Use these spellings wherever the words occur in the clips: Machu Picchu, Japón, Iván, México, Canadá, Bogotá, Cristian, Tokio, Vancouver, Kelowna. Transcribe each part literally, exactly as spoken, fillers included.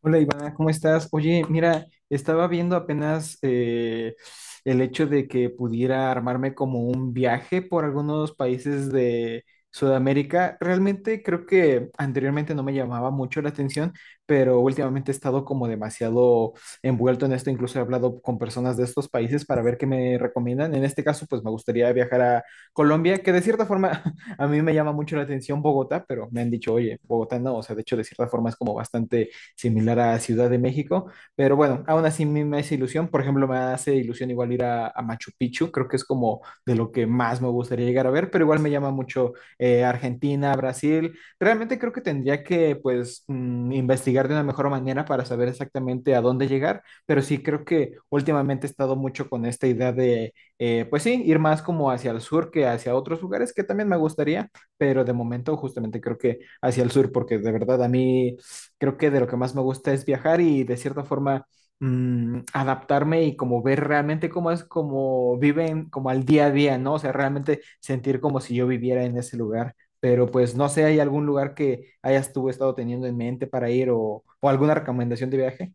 Hola Iván, ¿cómo estás? Oye, mira, estaba viendo apenas eh, el hecho de que pudiera armarme como un viaje por algunos países de Sudamérica. Realmente creo que anteriormente no me llamaba mucho la atención, pero últimamente he estado como demasiado envuelto en esto. Incluso he hablado con personas de estos países para ver qué me recomiendan. En este caso, pues me gustaría viajar a Colombia, que de cierta forma a mí me llama mucho la atención Bogotá, pero me han dicho, oye, Bogotá no, o sea, de hecho de cierta forma es como bastante similar a Ciudad de México, pero bueno, aún así me me hace ilusión, por ejemplo, me hace ilusión igual ir a, a Machu Picchu, creo que es como de lo que más me gustaría llegar a ver, pero igual me llama mucho eh, Argentina, Brasil, realmente creo que tendría que pues mm, investigar de una mejor manera para saber exactamente a dónde llegar, pero sí creo que últimamente he estado mucho con esta idea de, eh, pues sí, ir más como hacia el sur que hacia otros lugares que también me gustaría, pero de momento justamente creo que hacia el sur, porque de verdad a mí creo que de lo que más me gusta es viajar y de cierta forma mm, adaptarme y como ver realmente cómo es, como viven, como al día a día, ¿no? O sea, realmente sentir como si yo viviera en ese lugar. Pero pues no sé, ¿hay algún lugar que hayas tú estado teniendo en mente para ir o, o alguna recomendación de viaje?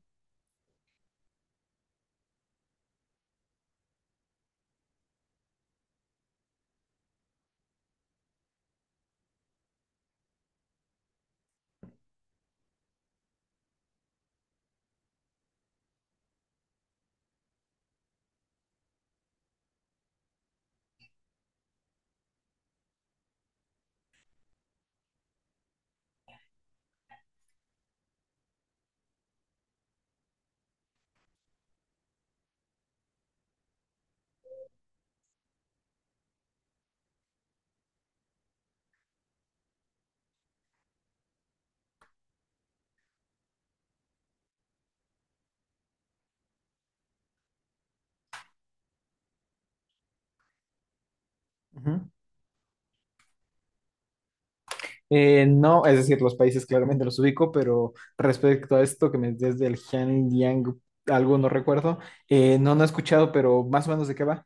Ujú. Eh, no, es decir, los países claramente los ubico, pero respecto a esto que me desde el Yang algo no recuerdo, eh, no, no he escuchado, pero más o menos de qué va.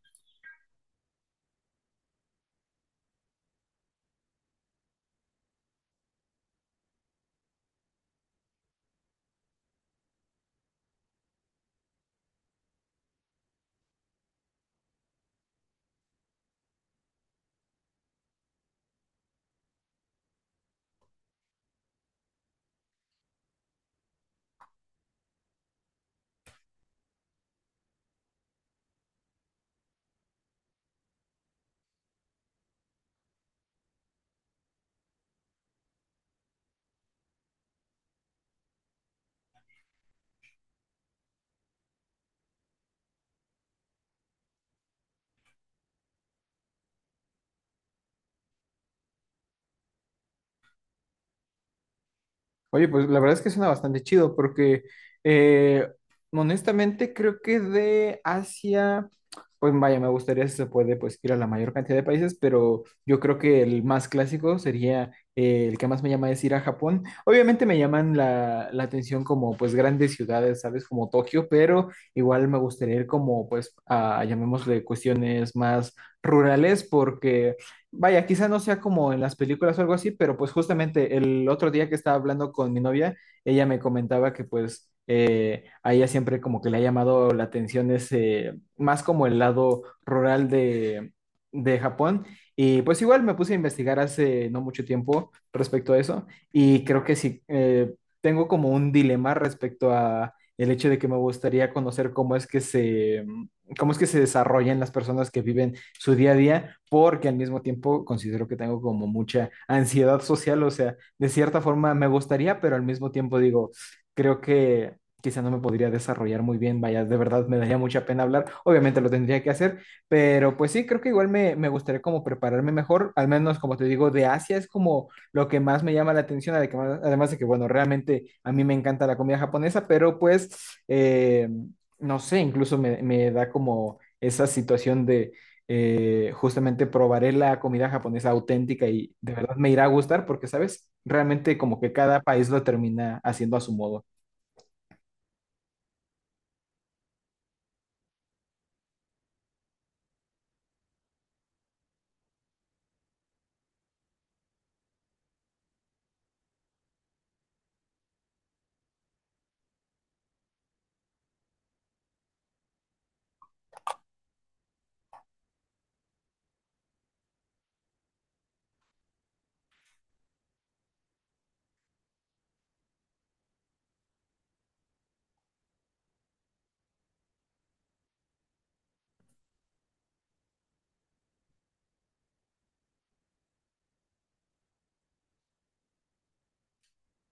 Oye, pues la verdad es que suena bastante chido porque eh, honestamente creo que de Asia, pues vaya, me gustaría si se puede pues ir a la mayor cantidad de países, pero yo creo que el más clásico sería eh, el que más me llama es ir a Japón. Obviamente me llaman la, la atención como pues grandes ciudades, ¿sabes? Como Tokio, pero igual me gustaría ir como pues a, llamémosle cuestiones más rurales porque... Vaya, quizá no sea como en las películas o algo así, pero pues justamente el otro día que estaba hablando con mi novia, ella me comentaba que pues eh, a ella siempre como que le ha llamado la atención ese, más como el lado rural de, de Japón. Y pues igual me puse a investigar hace no mucho tiempo respecto a eso y creo que sí, eh, tengo como un dilema respecto a el hecho de que me gustaría conocer cómo es que se, cómo es que se desarrollan las personas que viven su día a día, porque al mismo tiempo considero que tengo como mucha ansiedad social, o sea, de cierta forma me gustaría, pero al mismo tiempo digo, creo que quizá no me podría desarrollar muy bien, vaya, de verdad me daría mucha pena hablar, obviamente lo tendría que hacer, pero pues sí, creo que igual me, me gustaría como prepararme mejor, al menos como te digo, de Asia es como lo que más me llama la atención, además de que, bueno, realmente a mí me encanta la comida japonesa, pero pues, eh, no sé, incluso me, me da como esa situación de eh, justamente probaré la comida japonesa auténtica y de verdad me irá a gustar porque, ¿sabes? Realmente como que cada país lo termina haciendo a su modo.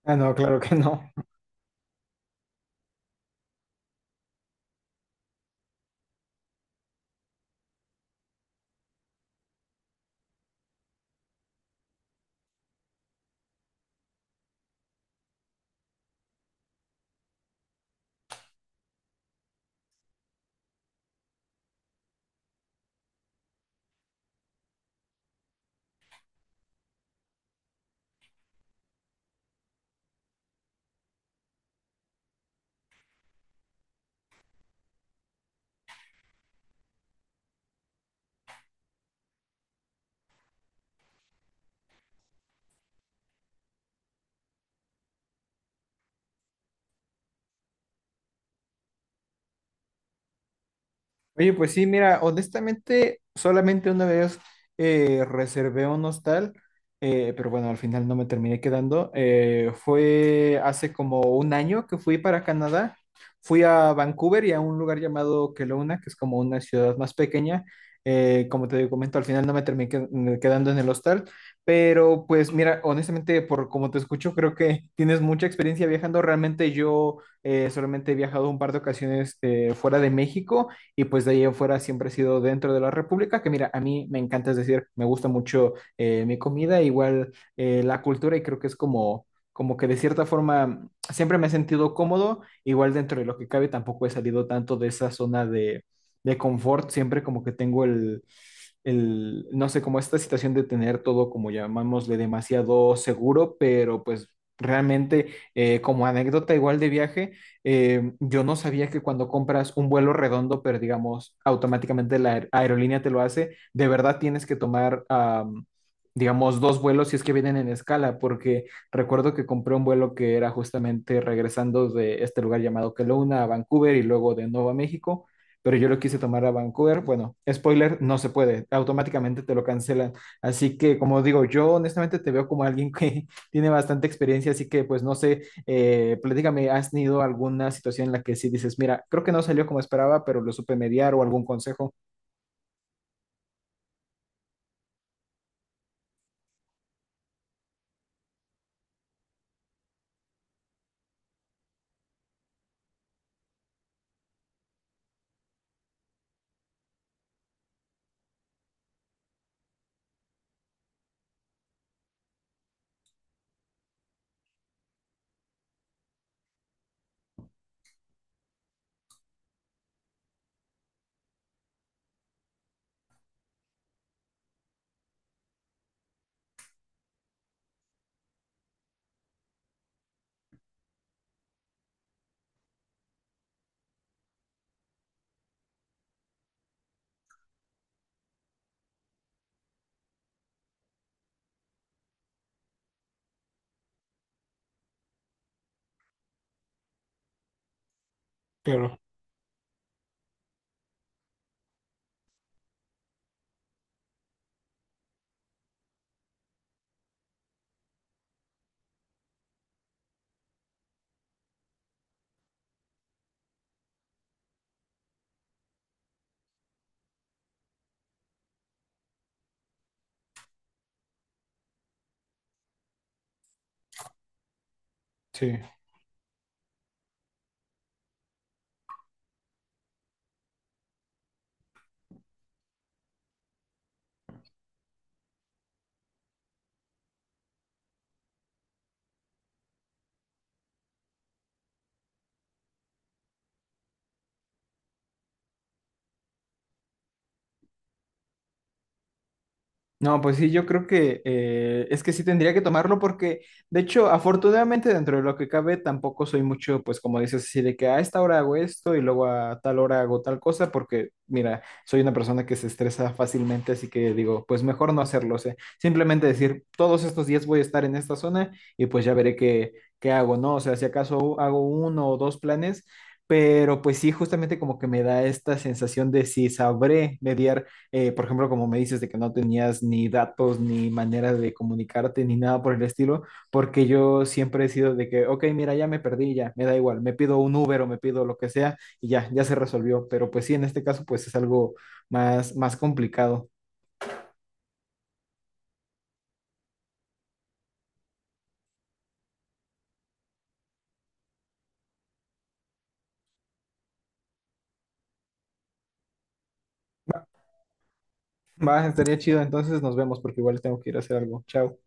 Ah, no, claro que no. Oye, pues sí, mira, honestamente, solamente una vez eh, reservé un hostal, eh, pero bueno, al final no me terminé quedando. Eh, fue hace como un año que fui para Canadá. Fui a Vancouver y a un lugar llamado Kelowna, que es como una ciudad más pequeña. Eh, como te comento, al final no me terminé que- eh, quedando en el hostal, pero pues mira, honestamente, por como te escucho, creo que tienes mucha experiencia viajando. Realmente yo eh, solamente he viajado un par de ocasiones eh, fuera de México y pues de ahí afuera siempre he sido dentro de la República, que mira, a mí me encanta, es decir, me gusta mucho eh, mi comida, igual eh, la cultura y creo que es como, como que de cierta forma siempre me he sentido cómodo, igual dentro de lo que cabe tampoco he salido tanto de esa zona de, de confort, siempre como que tengo el el, no sé, como esta situación de tener todo, como llamámosle, demasiado seguro, pero pues realmente eh, como anécdota igual de viaje, eh, yo no sabía que cuando compras un vuelo redondo, pero digamos, automáticamente la aer- aerolínea te lo hace, de verdad tienes que tomar, am, digamos, dos vuelos si es que vienen en escala, porque recuerdo que compré un vuelo que era justamente regresando de este lugar llamado Kelowna a Vancouver y luego de nuevo a México. Pero yo lo quise tomar a Vancouver. Bueno, spoiler, no se puede. Automáticamente te lo cancelan. Así que, como digo, yo honestamente te veo como alguien que tiene bastante experiencia, así que pues no sé eh, platícame, ¿has tenido alguna situación en la que sí dices, mira, creo que no salió como esperaba, pero lo supe mediar o algún consejo? Claro, sí. No, pues sí, yo creo que eh, es que sí tendría que tomarlo porque, de hecho, afortunadamente dentro de lo que cabe, tampoco soy mucho, pues como dices, así de que a esta hora hago esto y luego a tal hora hago tal cosa, porque mira, soy una persona que se estresa fácilmente, así que digo, pues mejor no hacerlo, o sea, simplemente decir, todos estos días voy a estar en esta zona y pues ya veré qué, qué hago, ¿no? O sea, si acaso hago uno o dos planes, pero pues sí, justamente como que me da esta sensación de si sabré mediar eh, por ejemplo, como me dices de que no tenías ni datos, ni manera de comunicarte, ni nada por el estilo, porque yo siempre he sido de que, ok, mira, ya me perdí, ya, me da igual, me pido un Uber o me pido lo que sea y ya, ya se resolvió. Pero pues sí, en este caso, pues es algo más, más complicado. Va, estaría chido, entonces nos vemos porque igual tengo que ir a hacer algo. Chao.